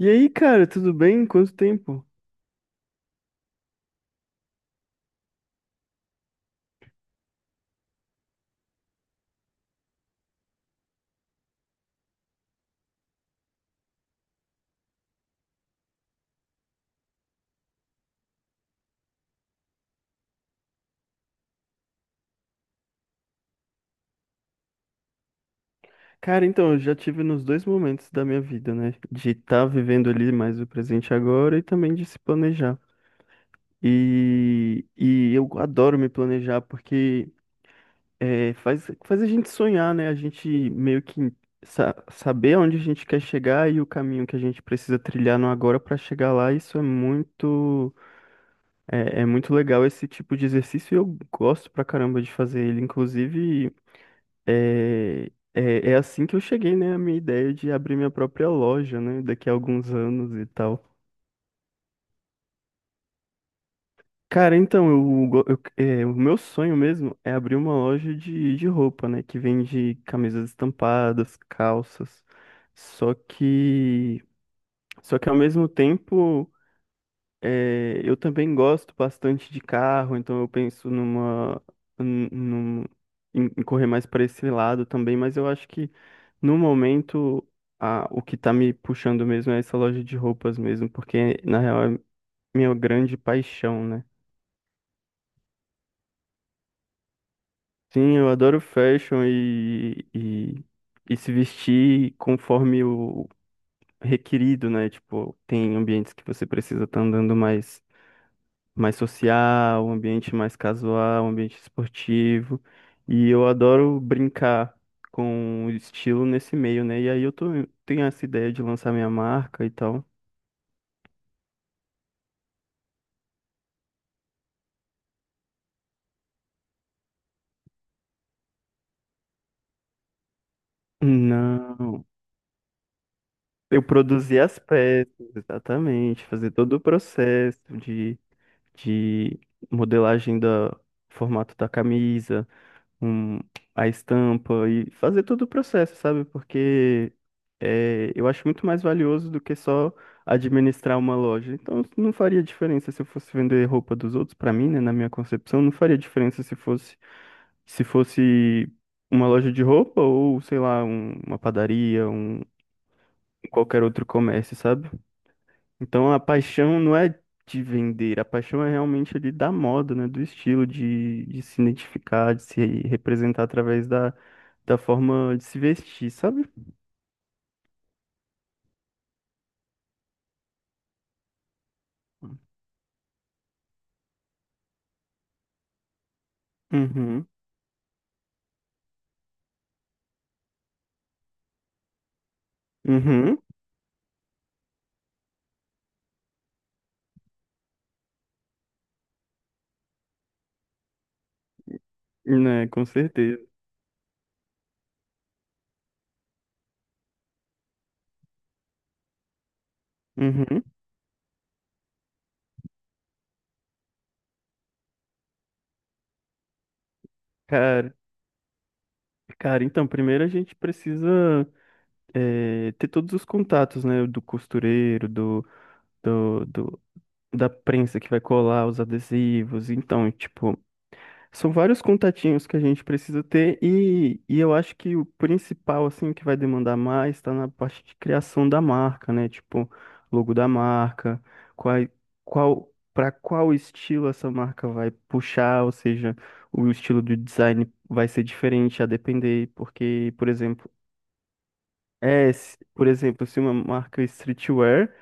E aí, cara, tudo bem? Quanto tempo? Cara, então, eu já tive nos dois momentos da minha vida, né? De estar vivendo ali mais o presente agora e também de se planejar. E eu adoro me planejar porque faz a gente sonhar, né? A gente meio que saber onde a gente quer chegar e o caminho que a gente precisa trilhar no agora para chegar lá. Isso é muito, é muito legal esse tipo de exercício e eu gosto pra caramba de fazer ele. Inclusive. É assim que eu cheguei, né, à minha ideia de abrir minha própria loja, né, daqui a alguns anos e tal. Cara, então, eu, go- eu- é, o meu sonho mesmo é abrir uma loja de roupa, né, que vende camisas estampadas, calças. Só que, só que ao mesmo tempo. Eu também gosto bastante de carro, então eu penso numa, num- num- em correr mais para esse lado também, mas eu acho que no momento o que tá me puxando mesmo é essa loja de roupas mesmo, porque na real é minha grande paixão, né? Sim, eu adoro fashion e se vestir conforme o requerido, né? Tipo, tem ambientes que você precisa estar andando mais social, um ambiente mais casual, um ambiente esportivo. E eu adoro brincar com o estilo nesse meio, né? E aí tenho essa ideia de lançar minha marca e tal. Não, eu produzi as peças, exatamente, fazer todo o processo de, modelagem do formato da camisa, um, a estampa e fazer todo o processo, sabe? Porque eu acho muito mais valioso do que só administrar uma loja. Então, não faria diferença se eu fosse vender roupa dos outros para mim, né? Na minha concepção, não faria diferença se fosse uma loja de roupa ou, sei lá, uma padaria, qualquer outro comércio, sabe? Então, a paixão não é de vender, a paixão é realmente ali da moda, né? Do estilo, de se identificar, de se representar através da forma de se vestir, sabe? Uhum. Uhum. Né, com certeza. Uhum. Cara, cara, então, primeiro a gente precisa ter todos os contatos, né? Do costureiro, do, do- da prensa que vai colar os adesivos. Então, tipo, são vários contatinhos que a gente precisa ter e eu acho que o principal, assim, que vai demandar mais está na parte de criação da marca, né? Tipo, logo da marca, qual, para qual estilo essa marca vai puxar, ou seja, o estilo do design vai ser diferente a depender, porque, por exemplo, por exemplo, se uma marca é streetwear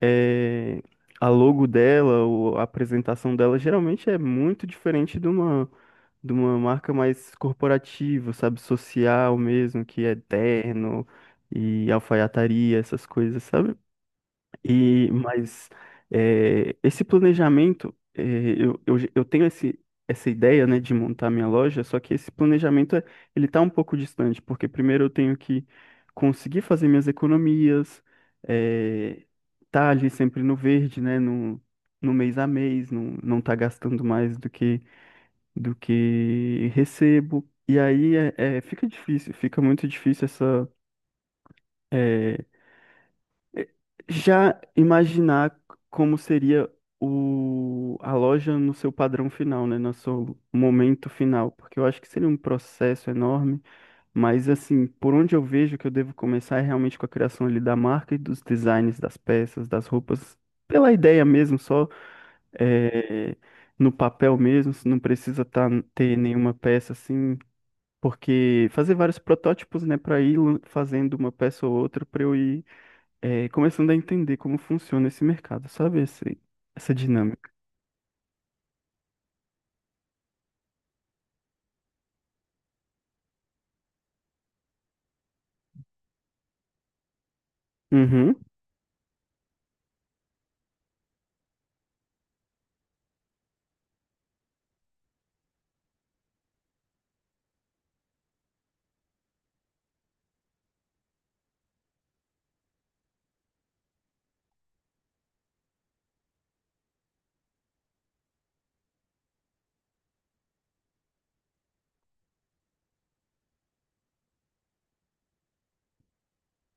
é, a logo dela, ou a apresentação dela, geralmente é muito diferente de uma, marca mais corporativa, sabe? Social mesmo, que é terno e alfaiataria, essas coisas, sabe? Mas esse planejamento, eu tenho essa ideia, né, de montar minha loja, só que esse planejamento, ele tá um pouco distante, porque primeiro eu tenho que conseguir fazer minhas economias, eh, tá ali sempre no verde, né, no mês a mês, não tá gastando mais do que recebo. E aí fica difícil, fica muito difícil essa. eh, eh, Já imaginar como seria a loja no seu padrão final, né? No seu momento final. Porque eu acho que seria um processo enorme. Mas, assim, por onde eu vejo que eu devo começar é realmente com a criação ali da marca e dos designs das peças, das roupas, pela ideia mesmo, só eh, no papel mesmo, se não precisa ter nenhuma peça assim, porque fazer vários protótipos, né, para ir fazendo uma peça ou outra, para eu ir começando a entender como funciona esse mercado, sabe? Essa dinâmica. Uhum.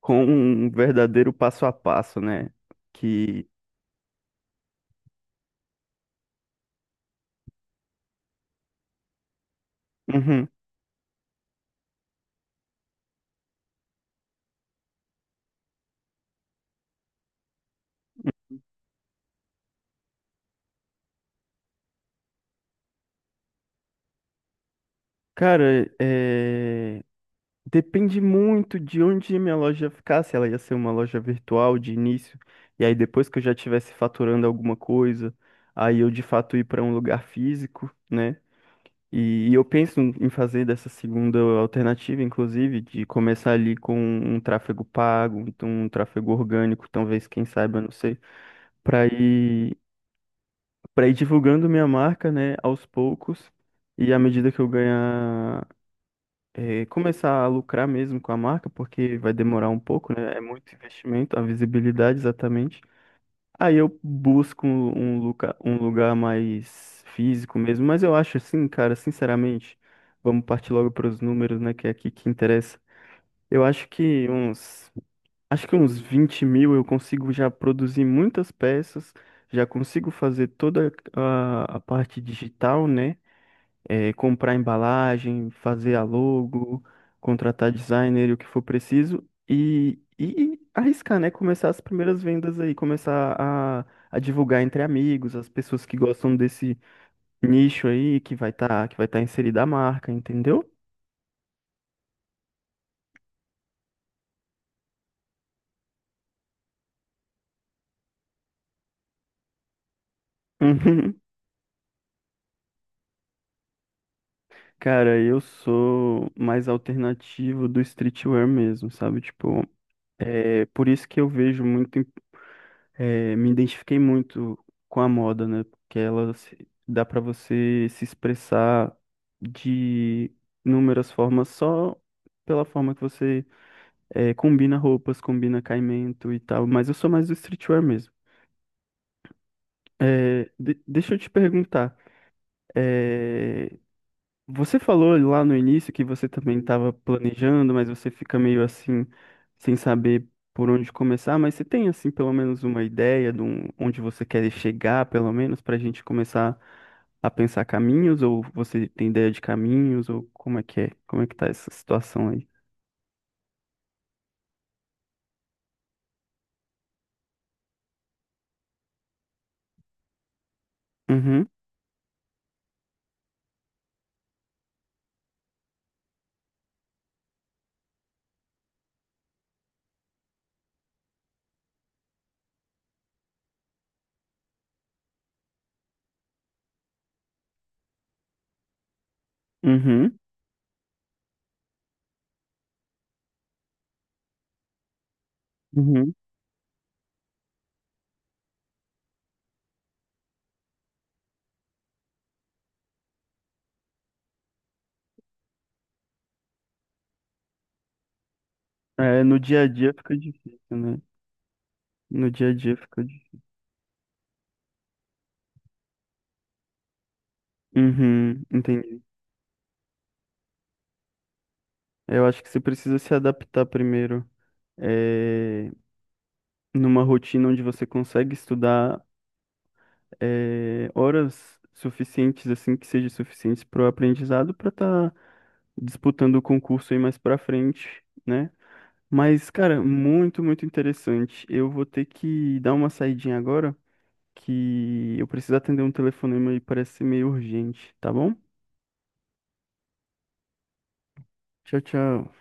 Com um verdadeiro passo a passo, né? Que. Uhum. Cara, depende muito de onde a minha loja ficar, se ela ia ser uma loja virtual de início, e aí depois que eu já estivesse faturando alguma coisa, aí eu de fato ir para um lugar físico, né? E eu penso em fazer dessa segunda alternativa, inclusive, de começar ali com um tráfego pago, então um tráfego orgânico, talvez, quem saiba, não sei, para ir, para ir divulgando minha marca, né, aos poucos, e à medida que eu ganhar, começar a lucrar mesmo com a marca, porque vai demorar um pouco, né, é muito investimento, a visibilidade exatamente. Aí eu busco um lugar mais físico mesmo, mas eu acho assim, cara, sinceramente, vamos partir logo para os números, né, que é aqui que interessa. Eu acho que uns 20.000 eu consigo já produzir muitas peças, já consigo fazer toda a parte digital, né? Comprar embalagem, fazer a logo, contratar designer e o que for preciso e arriscar, né? Começar as primeiras vendas aí, começar a divulgar entre amigos, as pessoas que gostam desse nicho aí, que vai tá inserida a marca, entendeu? Uhum. Cara, eu sou mais alternativo do streetwear mesmo, sabe? Tipo, é por isso que eu vejo muito me identifiquei muito com a moda, né? Porque ela dá para você se expressar de inúmeras formas só pela forma que você combina roupas, combina caimento e tal. Mas eu sou mais do streetwear mesmo. Deixa eu te perguntar, é, você falou lá no início que você também estava planejando, mas você fica meio assim, sem saber por onde começar. Mas você tem, assim, pelo menos uma ideia de onde você quer chegar, pelo menos, para a gente começar a pensar caminhos? Ou você tem ideia de caminhos? Ou como é que é? Como é que tá essa situação aí? Uhum, uhum, uhum. É, no dia a dia fica difícil, né? No dia a dia fica difícil. Uhum, entendi. Eu acho que você precisa se adaptar primeiro, numa rotina onde você consegue estudar horas suficientes, assim, que sejam suficientes para o aprendizado, para estar disputando o concurso aí mais para frente, né? Mas, cara, muito, muito interessante. Eu vou ter que dar uma saidinha agora, que eu preciso atender um telefonema e parece ser meio urgente, tá bom? Tchau, tchau.